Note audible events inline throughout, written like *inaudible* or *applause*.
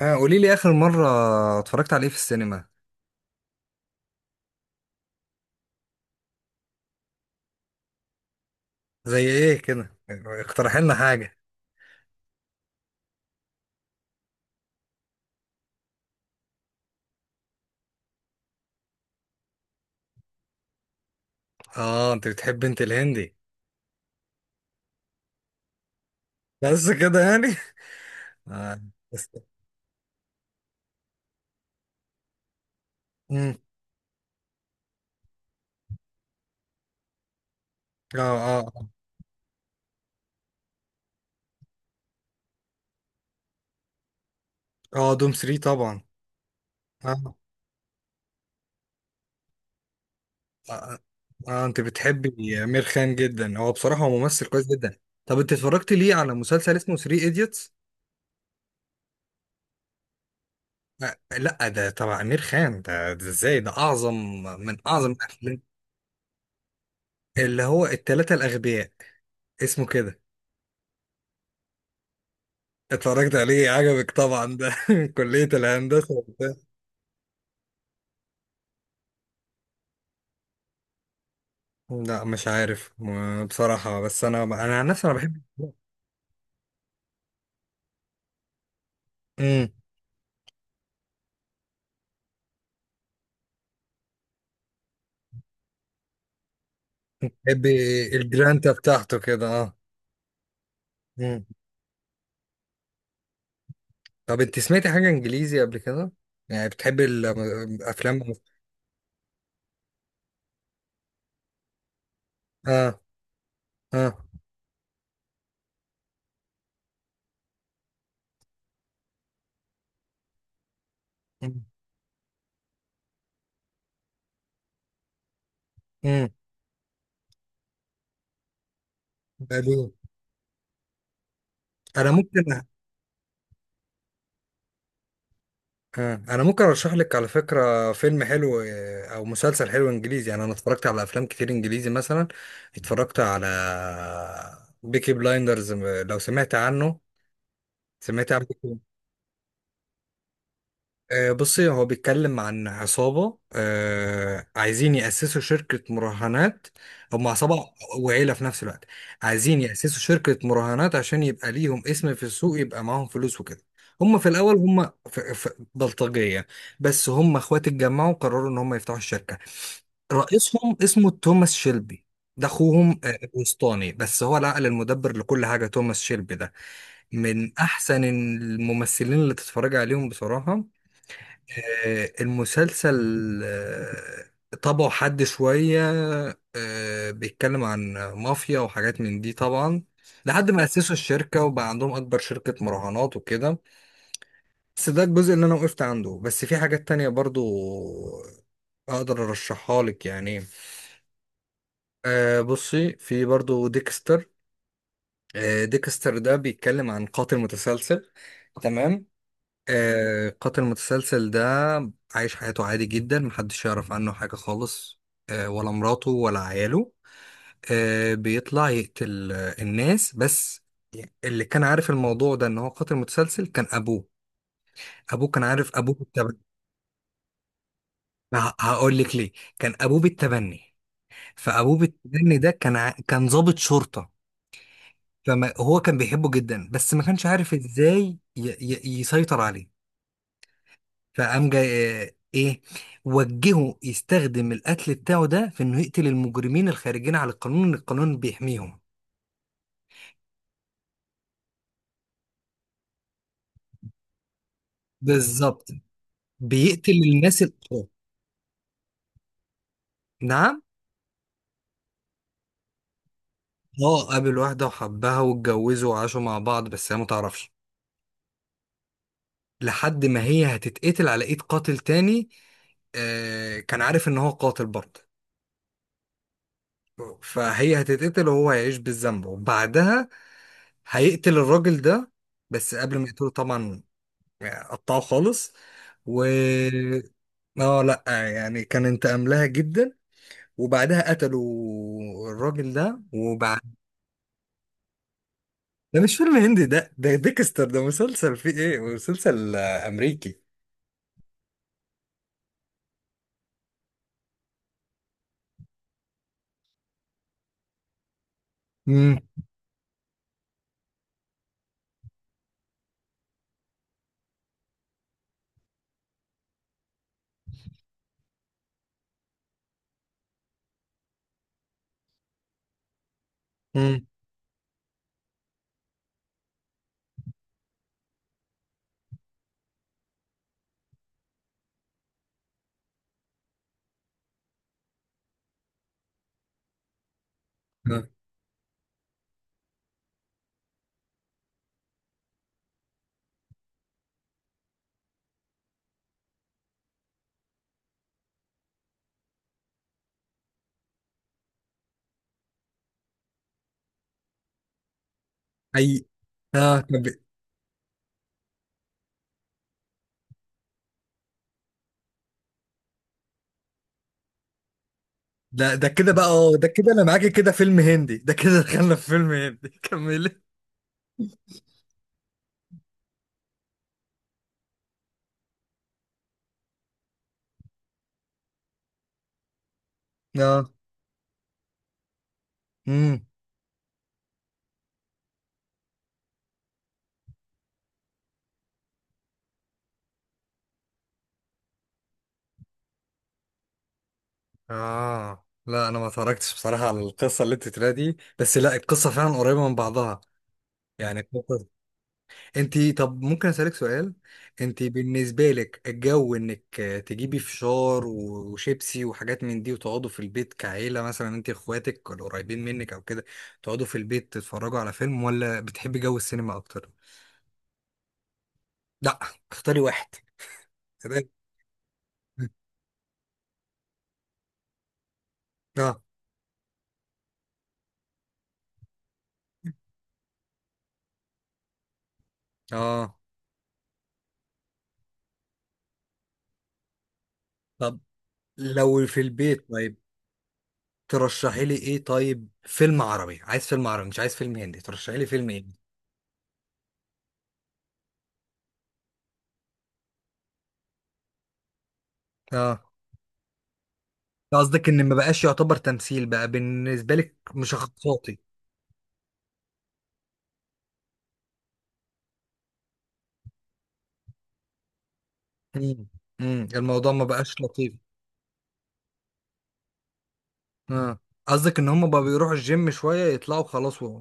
آه، قولي لي آخر مرة اتفرجت على ايه في السينما؟ زي ايه كده، اقترح لنا حاجة. اه، انت بتحب الهندي؟ بس كده يعني. آه. بس. مم. اه اه. اه، دوم 3 طبعا. اه، اه, آه. آه، انت بتحبي امير خان جدا. هو بصراحة ممثل كويس جدا. طب انت اتفرجت ليه على مسلسل اسمه 3 ايديوتس؟ لا، ده تبع امير خان ده، ازاي ده اعظم من اعظم الافلام. اللي هو التلاتة الاغبياء، اسمه كده. اتفرجت عليه، عجبك طبعا ده *laughs* كلية الهندسة وبتاع. لا، مش عارف بصراحة، بس انا عن نفسي انا بحب *laughs* امم. بحب الجرانتا بتاعته كده، اه. امم. طب انت سمعتي حاجة انجليزي قبل كده؟ يعني بتحبي الافلام؟ اه. اه. امم. أمم. بعدين، انا ممكن. انا ممكن ارشح لك على فكره فيلم حلو، او مسلسل حلو انجليزي. يعني انا اتفرجت على افلام كتير انجليزي، مثلا اتفرجت على بيكي بلايندرز، لو سمعت عنه. سمعت عنه؟ بصي، هو بيتكلم عن عصابة عايزين يأسسوا شركة مراهنات. هم عصابة وعيلة في نفس الوقت. عايزين يأسسوا شركة مراهنات عشان يبقى ليهم اسم في السوق، يبقى معاهم فلوس وكده. هم في الأول هم في بلطجية. بس هم اخوات، اتجمعوا وقرروا إن هم يفتحوا الشركة. رئيسهم اسمه توماس شيلبي، ده اخوهم الوسطاني، بس هو العقل المدبر لكل حاجه. توماس شيلبي ده من احسن الممثلين اللي تتفرج عليهم بصراحه. المسلسل آه، طبعه حد شوية، بيتكلم عن مافيا وحاجات من دي طبعا، لحد ما أسسوا الشركة وبقى عندهم أكبر شركة مراهنات وكده. بس ده الجزء اللي أنا وقفت عنده، بس في حاجات تانية برضو أقدر أرشحها لك يعني. بصي، في برضو ديكستر. ديكستر ده بيتكلم عن قاتل متسلسل. تمام. قاتل متسلسل ده عايش حياته عادي جدا، محدش يعرف عنه حاجة خالص، ولا مراته ولا عياله. بيطلع يقتل الناس بس. اللي كان عارف الموضوع ده ان هو قاتل متسلسل كان ابوه. ابوه كان عارف، ابوه بالتبني. هقول لك ليه. كان ابوه بالتبني. فابوه بالتبني ده كان ضابط شرطة. فهو كان بيحبه جدا، بس ما كانش عارف ازاي يسيطر عليه. فقام جاي ايه، وجهه يستخدم القتل بتاعه ده في انه يقتل المجرمين الخارجين على القانون، ان القانون بيحميهم. بالظبط، بيقتل الناس الأخرى. نعم. اه، قابل واحدة وحبها واتجوزوا وعاشوا مع بعض، بس هي ما تعرفش، لحد ما هي هتتقتل على ايد قاتل تاني. كان عارف ان هو قاتل برضه. فهي هتتقتل وهو هيعيش بالذنب، وبعدها هيقتل الراجل ده. بس قبل ما يقتله طبعا، يعني قطعه خالص و... اه، لا، يعني كانت املاها جدا. وبعدها قتلوا الراجل ده وبعد. ده مش فيلم هندي، ده ديكستر ده مسلسل، فيه ايه، مسلسل امريكي. امم. امم. آه. اي. اه، طب. ده كده بقى، اه، ده كده انا معاك، كده فيلم هندي، ده كده دخلنا في فيلم هندي *laughs* كملي. اه. امم. اه، لا، انا ما اتفرجتش بصراحه على القصه اللي انت تلاقي دي، بس لا، القصه فعلا قريبه من بعضها يعني. انتي، طب ممكن اسالك سؤال؟ انتي بالنسبه لك، الجو انك تجيبي فشار وشيبسي وحاجات من دي، وتقعدوا في البيت كعيله، مثلا انتي اخواتك ولا قريبين منك او كده، تقعدوا في البيت تتفرجوا على فيلم، ولا بتحبي جو السينما اكتر؟ لا، اختاري واحد. تمام. *laughs* اه. اه، طب. لو في البيت، طيب ترشحي لي ايه؟ طيب فيلم عربي، عايز فيلم عربي مش عايز فيلم هندي، ترشحي لي فيلم ايه؟ اه، قصدك ان ما بقاش يعتبر تمثيل بقى بالنسبه لك، مشخصات؟ مم. مم. الموضوع ما بقاش لطيف. اه، قصدك ان هم بقى بيروحوا الجيم شويه يطلعوا خلاص.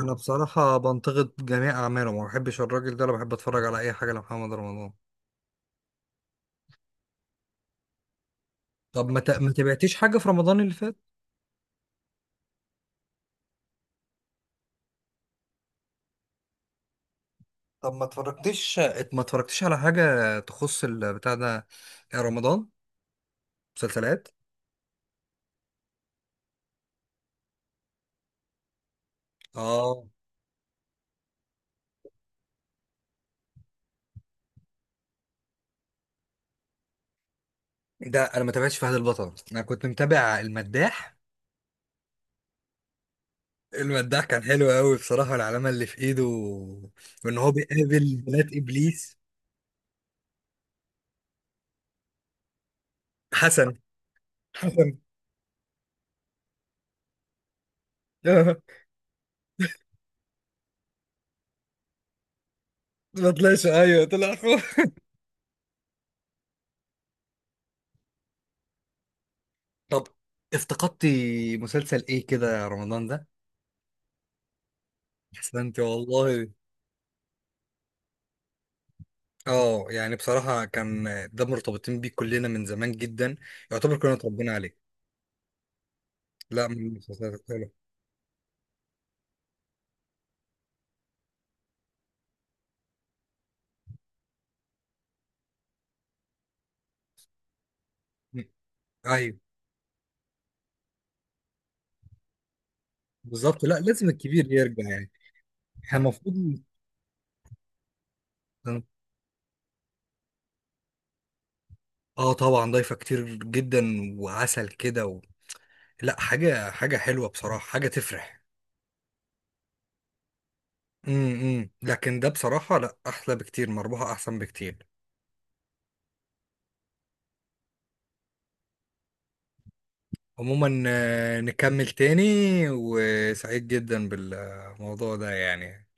انا بصراحه بنتقد جميع اعماله، ما بحبش الراجل ده، انا بحب اتفرج على اي حاجه لمحمد رمضان. طب ما ما تبعتيش حاجه في رمضان اللي فات؟ طب ما اتفرجتش، ما اتفرجتيش على حاجه تخص البتاع ده، رمضان، مسلسلات؟ اه، ده انا ما تابعتش فهد البطل، انا كنت متابع المداح. المداح كان حلو قوي بصراحه، العلامه اللي في ايده وان هو بيقابل بنات ابليس. حسن. حسن. *laughs* آه. ما طلعش. ايوه، طلع اخوه. طب افتقدتي مسلسل ايه كده يا رمضان ده؟ احسنتي والله. اه، يعني بصراحة كان، ده مرتبطين بيه كلنا من زمان جدا، يعتبر كلنا اتربينا عليه. لا، من المسلسلات الحلوة. م- ايوه. بالظبط، لا لازم الكبير يرجع يعني، احنا المفروض. اه طبعا، ضايفة كتير جدا، وعسل كده. لا، حاجة حاجة حلوة بصراحة، حاجة تفرح. امم، لكن ده بصراحة، لا، احلى بكتير، مربوحة احسن بكتير. عموما، نكمل تاني، وسعيد جدا بالموضوع ده يعني.